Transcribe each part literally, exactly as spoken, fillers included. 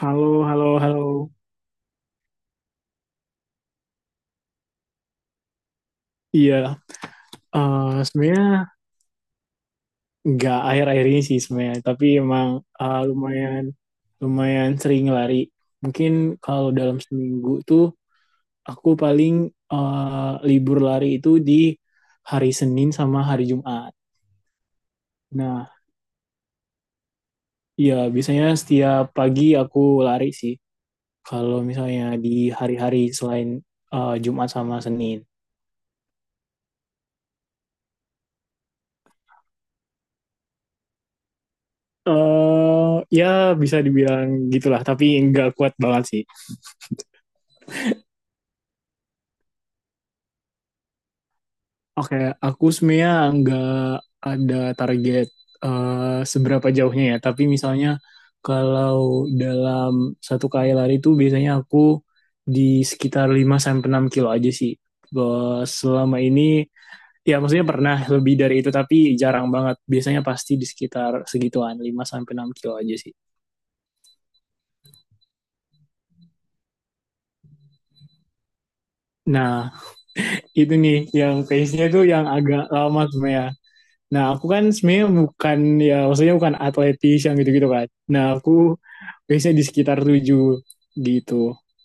Halo, halo, halo. Iya, eh, sebenarnya nggak akhir-akhir ini sih sebenarnya, tapi emang eh, lumayan lumayan sering lari. Mungkin kalau dalam seminggu tuh aku paling eh, libur lari itu di hari Senin sama hari Jumat. Nah, iya biasanya setiap pagi aku lari sih. Kalau misalnya di hari-hari selain eh, Jumat sama Senin. eh Ya bisa dibilang gitulah, tapi nggak kuat banget sih. Oke, aku sebenarnya nggak ada target eh, seberapa jauhnya ya. Tapi misalnya kalau dalam satu kali lari itu biasanya aku di sekitar lima sampai enam kilo aja sih. Eh, Selama ini, ya maksudnya pernah lebih dari itu, tapi jarang banget. Biasanya pasti di sekitar segituan, lima sampai enam kilo aja sih. Nah, itu nih yang pace-nya tuh yang agak lama sebenarnya. Nah, aku kan sebenarnya bukan, ya maksudnya bukan atletis yang gitu-gitu kan. Nah, aku pace-nya di sekitar tujuh gitu,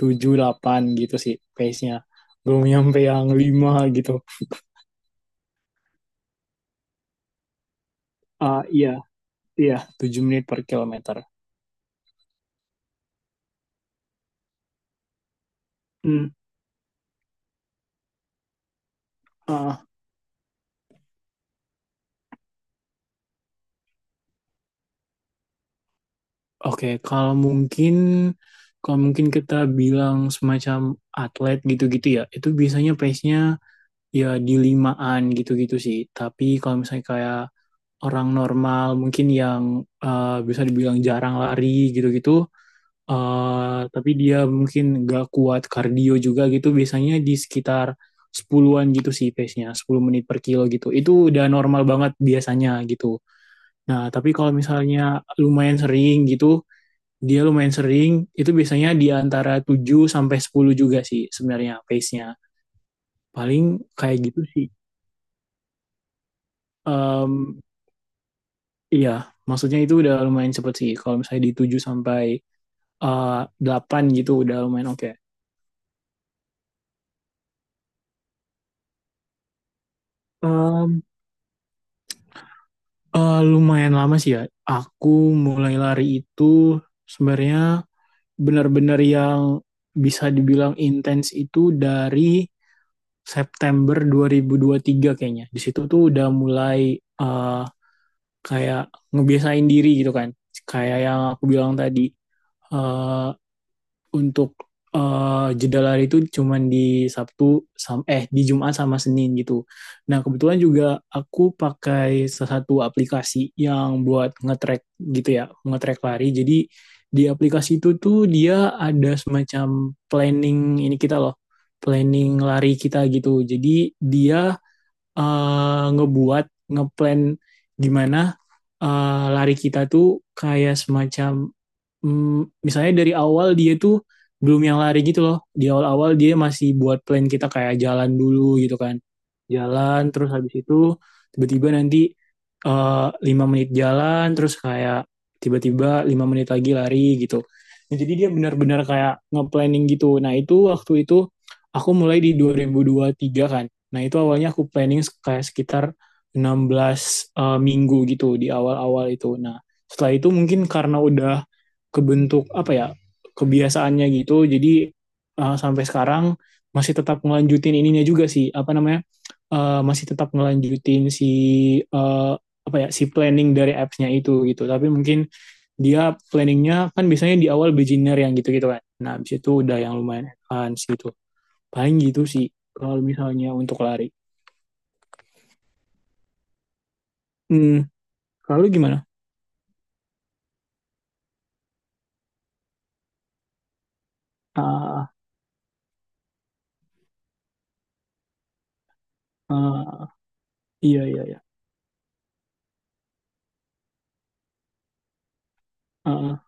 tujuh delapan gitu sih pace-nya. Belum nyampe yang lima gitu. Ah iya, iya, tujuh menit per kilometer. Hmm, ah, oke, kalau mungkin kalau mungkin kita bilang semacam atlet gitu-gitu ya, itu biasanya pace-nya ya di limaan gitu-gitu sih. Tapi kalau misalnya kayak orang normal mungkin yang eh, bisa dibilang jarang lari gitu-gitu, eh, tapi dia mungkin gak kuat kardio juga gitu biasanya di sekitar sepuluhan gitu sih pace-nya, sepuluh menit per kilo gitu itu udah normal banget biasanya gitu. Nah tapi kalau misalnya lumayan sering gitu, dia lumayan sering itu biasanya di antara tujuh sampai sepuluh juga sih sebenarnya pace-nya, paling kayak gitu sih. Em, iya maksudnya itu udah lumayan cepet sih kalau misalnya di tujuh sampai eh delapan gitu udah lumayan oke. Em, eh, Lumayan lama sih ya. Aku mulai lari itu sebenarnya benar-benar yang bisa dibilang intens itu dari September dua ribu dua puluh tiga kayaknya. Di situ tuh udah mulai eh, kayak ngebiasain diri gitu kan. Kayak yang aku bilang tadi, eh, untuk eh, jeda lari itu cuman di Sabtu sam- eh di Jumat sama Senin gitu. Nah, kebetulan juga aku pakai salah satu aplikasi yang buat nge-track gitu ya, nge-track lari. Jadi di aplikasi itu tuh dia ada semacam planning, ini kita loh, planning lari kita gitu. Jadi dia eh, ngebuat ngeplan gimana eh, lari kita tuh kayak semacam, mm, misalnya dari awal dia tuh belum yang lari gitu loh, di awal-awal dia masih buat plan kita kayak jalan dulu gitu kan. Jalan terus habis itu tiba-tiba nanti eh, lima menit jalan terus kayak tiba-tiba lima menit lagi lari gitu. Nah, jadi dia benar-benar kayak nge-planning gitu, nah itu waktu itu aku mulai di dua ribu dua ribu tiga kan. Nah, itu awalnya aku planning kayak sekitar enam belas eh, minggu gitu di awal-awal itu. Nah, setelah itu mungkin karena udah kebentuk apa ya, kebiasaannya gitu, jadi eh, sampai sekarang masih tetap ngelanjutin ininya juga sih, apa namanya, eh, masih tetap ngelanjutin si eh, apa ya, si planning dari apps-nya itu gitu. Tapi mungkin dia planningnya kan biasanya di awal beginner yang gitu-gitu kan. Nah, abis itu udah yang lumayan advance gitu. Paling gitu sih kalau misalnya untuk lari. Hmm. Kalau lu gimana? Ah, ah, iya iya iya. Heeh.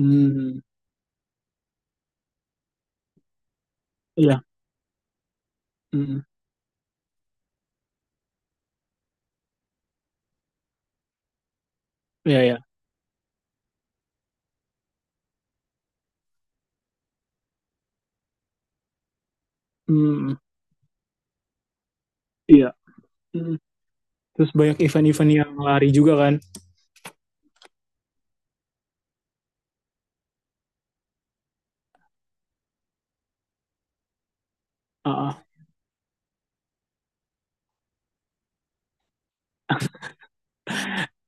Mmm, iya, mhm, iya iya, mhm, iya, mhm. Terus banyak event-event yang lari juga kan? Heeh.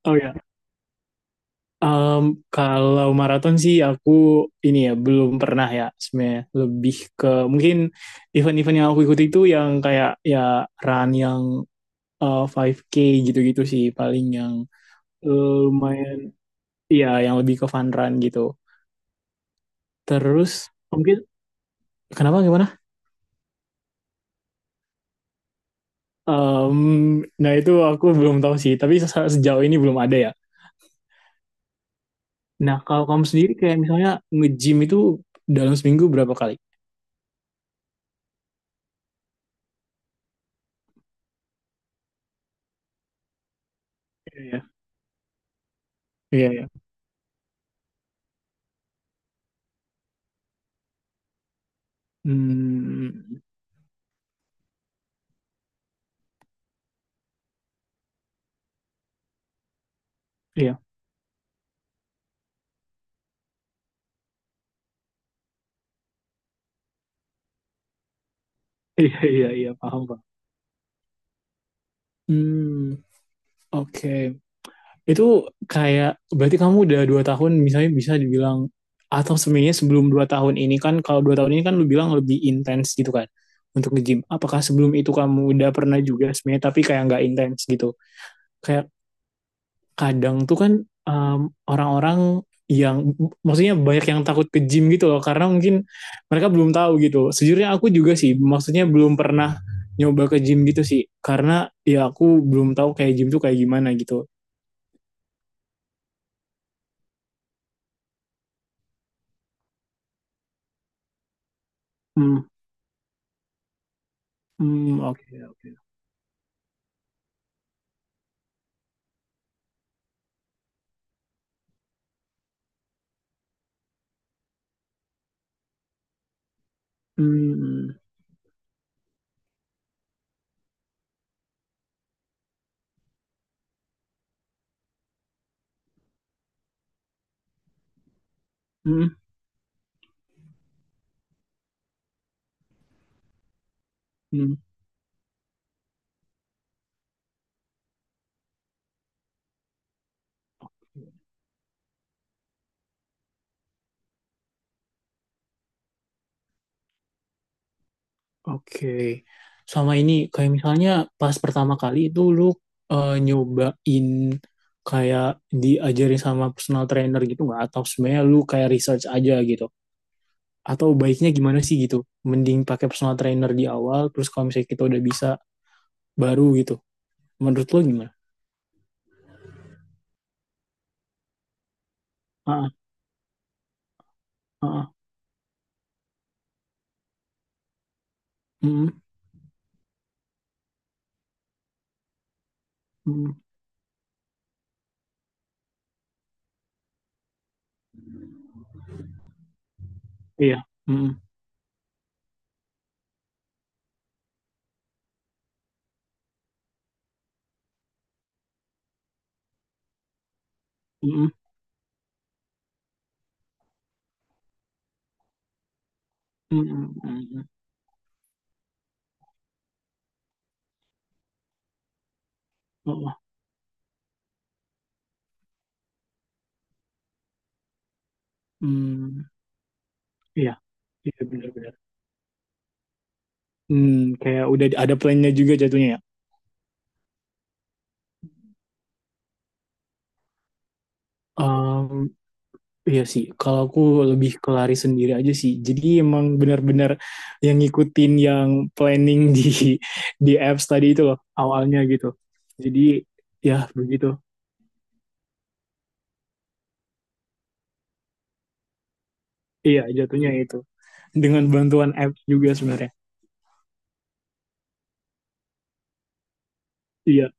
Oh ya, mmm, kalau maraton sih aku ini ya, belum pernah ya sebenarnya, lebih ke mungkin event-event yang aku ikuti itu yang kayak ya run yang, eee, lima K gitu-gitu sih paling yang, eee, lumayan, iya yang lebih ke fun run gitu. Terus mungkin, kenapa gimana? Mmm, nah itu aku belum tahu sih, tapi se sejauh ini belum ada ya. Nah kalau kamu sendiri kayak misalnya nge-gym itu dalam seminggu berapa kali? Iya ya. Iya ya. Mmm, iya. Iya iya iya, paham, pak. Hmm, oke. Itu kayak berarti kamu udah dua tahun misalnya bisa dibilang, atau sebenarnya sebelum dua tahun ini kan, kalau dua tahun ini kan lu bilang lebih intens gitu kan untuk nge-gym. Apakah sebelum itu kamu udah pernah juga sebenarnya tapi kayak nggak intens gitu? Kayak kadang tuh kan, um, orang-orang yang, maksudnya banyak yang takut ke gym gitu loh karena mungkin mereka belum tahu gitu. Sejujurnya aku juga sih, maksudnya belum pernah nyoba ke gym gitu sih karena ya aku belum tahu kayak gym tuh kayak gimana gitu. Hmm, hmm, oke oke. Hmm, hmm, hmm. Hmm. Oke. Sama ini kayak misalnya pas pertama kali itu lu eh, nyobain, kayak diajarin sama personal trainer gitu nggak? Atau sebenarnya lu kayak research aja gitu? Atau baiknya gimana sih gitu? Mending pakai personal trainer di awal, terus kalau misalnya kita udah bisa baru gitu. Menurut lu gimana? Ah, ah, ah. Mm, mm, iya. Mm, mm, mm, mm, mm, mm. Oh, oh. Mm, iya. Iya benar-benar. Hmm, Kayak udah ada plannya juga jatuhnya ya. Iya sih, kalau aku lebih ke lari sendiri aja sih. Jadi emang benar-benar yang ngikutin yang planning di di apps tadi itu loh awalnya gitu. Jadi ya begitu. Iya, jatuhnya itu. Dengan bantuan apps juga sebenarnya. Iya,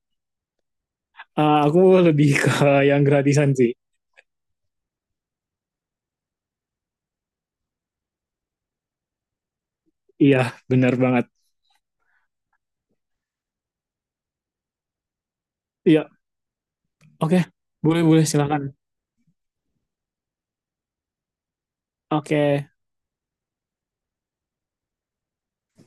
Eh, aku lebih ke yang gratisan sih. Iya, benar banget. Iya, oke. Boleh, boleh, silakan. Oke.